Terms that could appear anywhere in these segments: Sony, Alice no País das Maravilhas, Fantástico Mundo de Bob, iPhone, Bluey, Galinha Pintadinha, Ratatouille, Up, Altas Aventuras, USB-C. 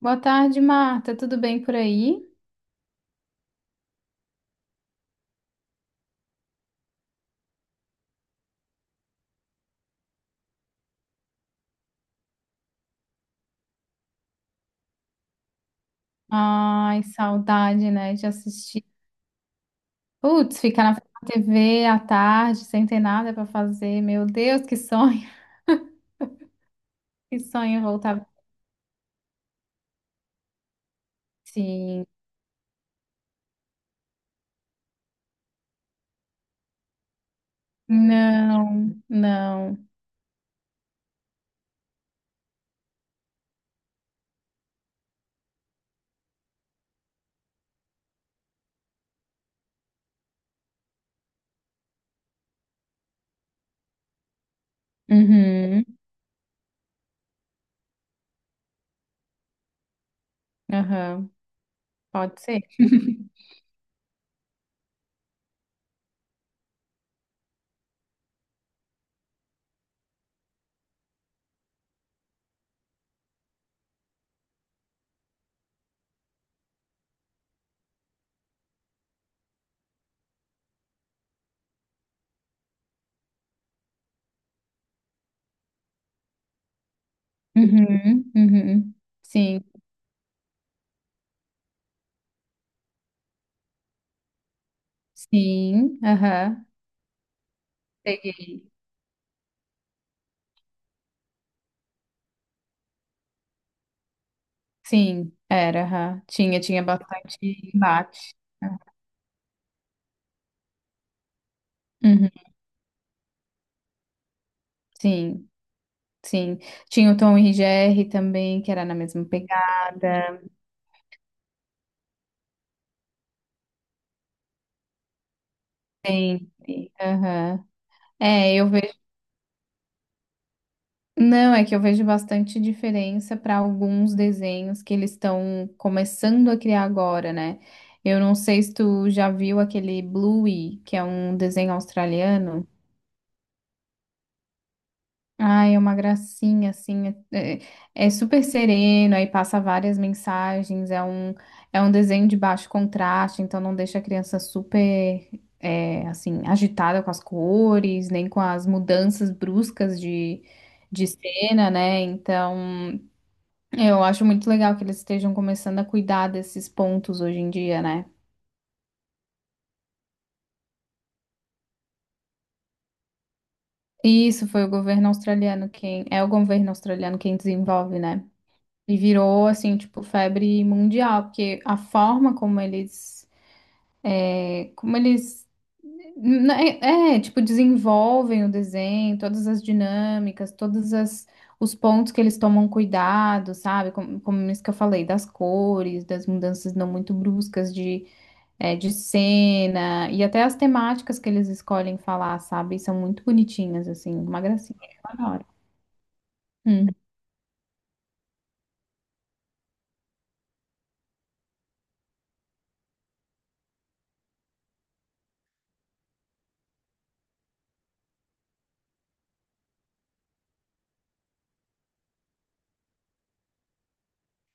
Boa tarde, Marta. Tudo bem por aí? Ai, saudade, né, de assistir. Putz, ficar na frente da TV à tarde, sem ter nada para fazer. Meu Deus, que sonho. Que sonho voltar. Sim. Não, não. Uhum, aham. Pode ser. Uhum, uhum. Sim, sim, aham. Peguei. Sim, era, aham. Tinha, tinha bastante embate. Uhum, sim. Sim, tinha o Tom e Jerry também, que era na mesma pegada, sempre. Aham. É, eu vejo. Não, é que eu vejo bastante diferença para alguns desenhos que eles estão começando a criar agora, né? Eu não sei se tu já viu aquele Bluey, que é um desenho australiano. Ai, é uma gracinha, assim, é super sereno, aí passa várias mensagens, é um desenho de baixo contraste, então não deixa a criança super, é, assim, agitada com as cores, nem com as mudanças bruscas de cena, né? Então, eu acho muito legal que eles estejam começando a cuidar desses pontos hoje em dia, né? Isso foi o governo australiano quem, é o governo australiano quem desenvolve, né? E virou, assim, tipo, febre mundial, porque a forma como eles, é, como eles, né, é, é, tipo, desenvolvem o desenho, todas as dinâmicas, todas as, os pontos que eles tomam cuidado, sabe? Como, como isso que eu falei, das cores, das mudanças não muito bruscas de, é, de cena, e até as temáticas que eles escolhem falar, sabe? São muito bonitinhas, assim, uma gracinha. Eu adoro. Hum.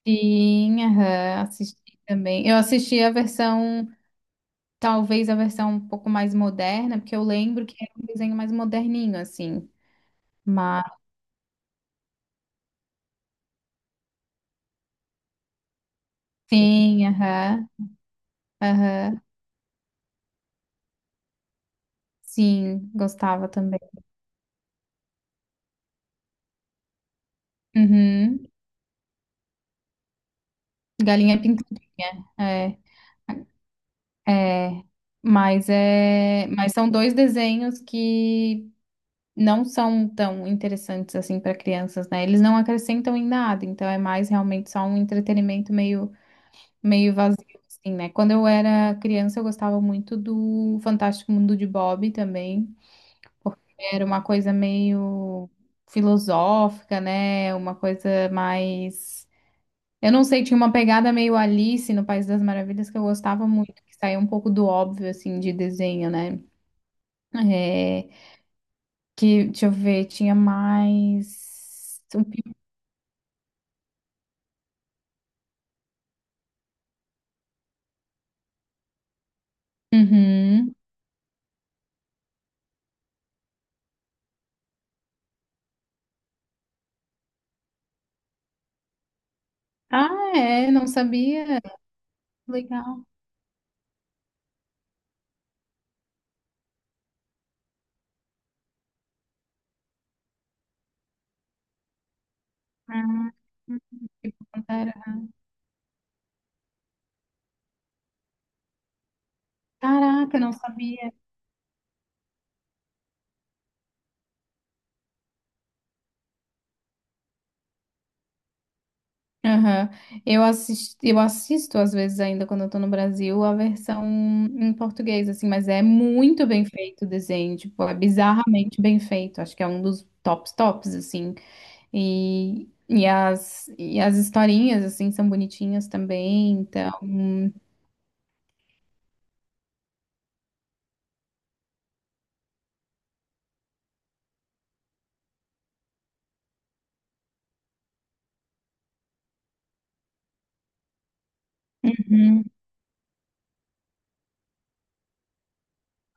Sim, aham, assisti também. Eu assisti a versão, talvez a versão um pouco mais moderna, porque eu lembro que era um desenho mais moderninho, assim. Mas sim, aham, aham, sim, gostava também. Uhum. Galinha Pintadinha, é, é. Mas é, mas são dois desenhos que não são tão interessantes assim para crianças, né? Eles não acrescentam em nada, então é mais realmente só um entretenimento meio vazio, assim, né? Quando eu era criança, eu gostava muito do Fantástico Mundo de Bob também, porque era uma coisa meio filosófica, né? Uma coisa mais. Eu não sei, tinha uma pegada meio Alice no País das Maravilhas que eu gostava muito, que saía um pouco do óbvio, assim, de desenho, né? É, que, deixa eu ver, tinha mais. Um pi- Uhum. Ah, é, não sabia. Legal. Ah, caraca, eu não sabia. Aham. Eu assisto às vezes ainda quando eu tô no Brasil a versão em português, assim, mas é muito bem feito o desenho, tipo, é bizarramente bem feito. Acho que é um dos tops tops, assim. E as historinhas, assim, são bonitinhas também, então. Uhum.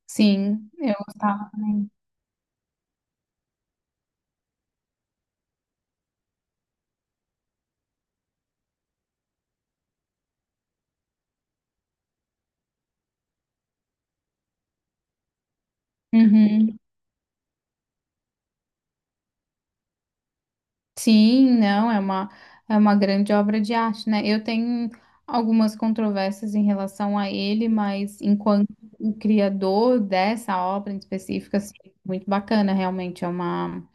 Sim, eu gostava também. Uhum. Sim, não, é uma grande obra de arte, né? Eu tenho algumas controvérsias em relação a ele, mas enquanto o criador dessa obra em específico, assim, muito bacana, realmente, é uma...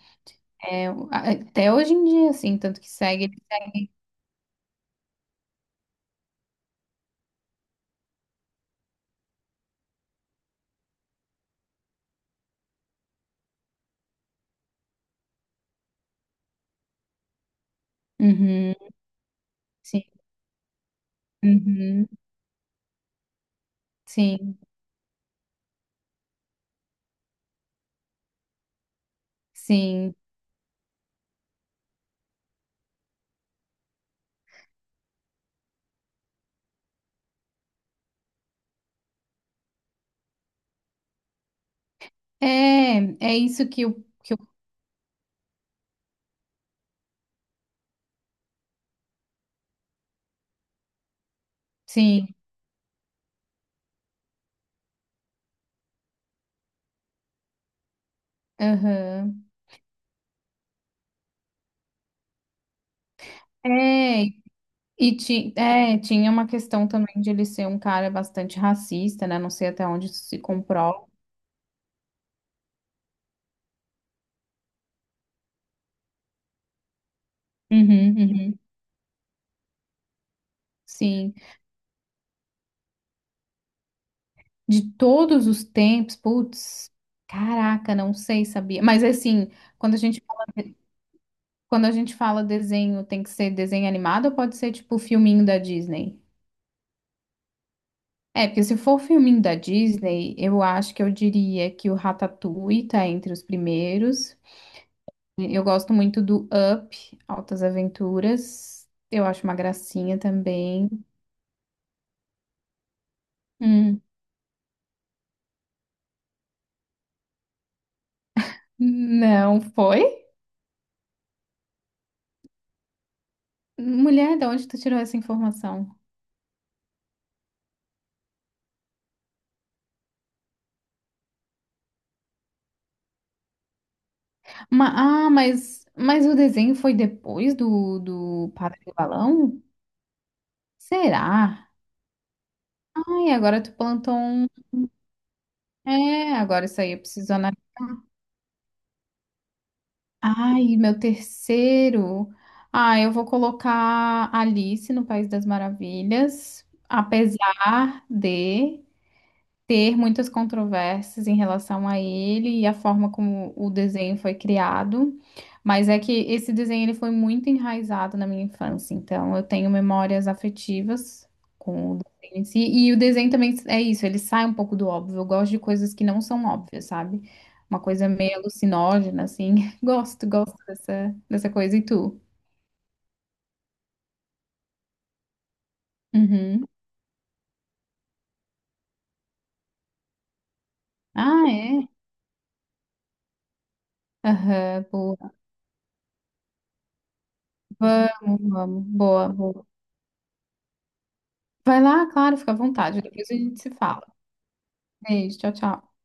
É, até hoje em dia, assim, tanto que segue... Uhum, sim, uhum, sim, sim. É, é isso que eu... Que eu sim, aham. É, tinha uma questão também de ele ser um cara bastante racista, né? Não sei até onde isso se comprova. Uhum, uhum. Sim. De todos os tempos, putz, caraca, não sei, sabia. Mas assim, quando a gente fala, quando a gente fala desenho, tem que ser desenho animado ou pode ser tipo filminho da Disney? É, porque se for filminho da Disney, eu acho que eu diria que o Ratatouille tá entre os primeiros. Eu gosto muito do Up, Altas Aventuras. Eu acho uma gracinha também. Hum, não foi? Mulher, de onde tu tirou essa informação? Mas o desenho foi depois do, do Padre do Balão? Será? Ai, agora tu plantou um. É, agora isso aí eu preciso analisar. Ai, meu terceiro. Ah, eu vou colocar Alice no País das Maravilhas, apesar de. Ter muitas controvérsias em relação a ele e a forma como o desenho foi criado, mas é que esse desenho ele foi muito enraizado na minha infância, então eu tenho memórias afetivas com o desenho em si, e o desenho também é isso, ele sai um pouco do óbvio, eu gosto de coisas que não são óbvias, sabe? Uma coisa meio alucinógena, assim, gosto, dessa coisa, e tu? Uhum. Ah, é? Aham, boa. Vamos, boa, boa. Vai lá, claro, fica à vontade. Depois a gente se fala. Beijo, tchau, tchau.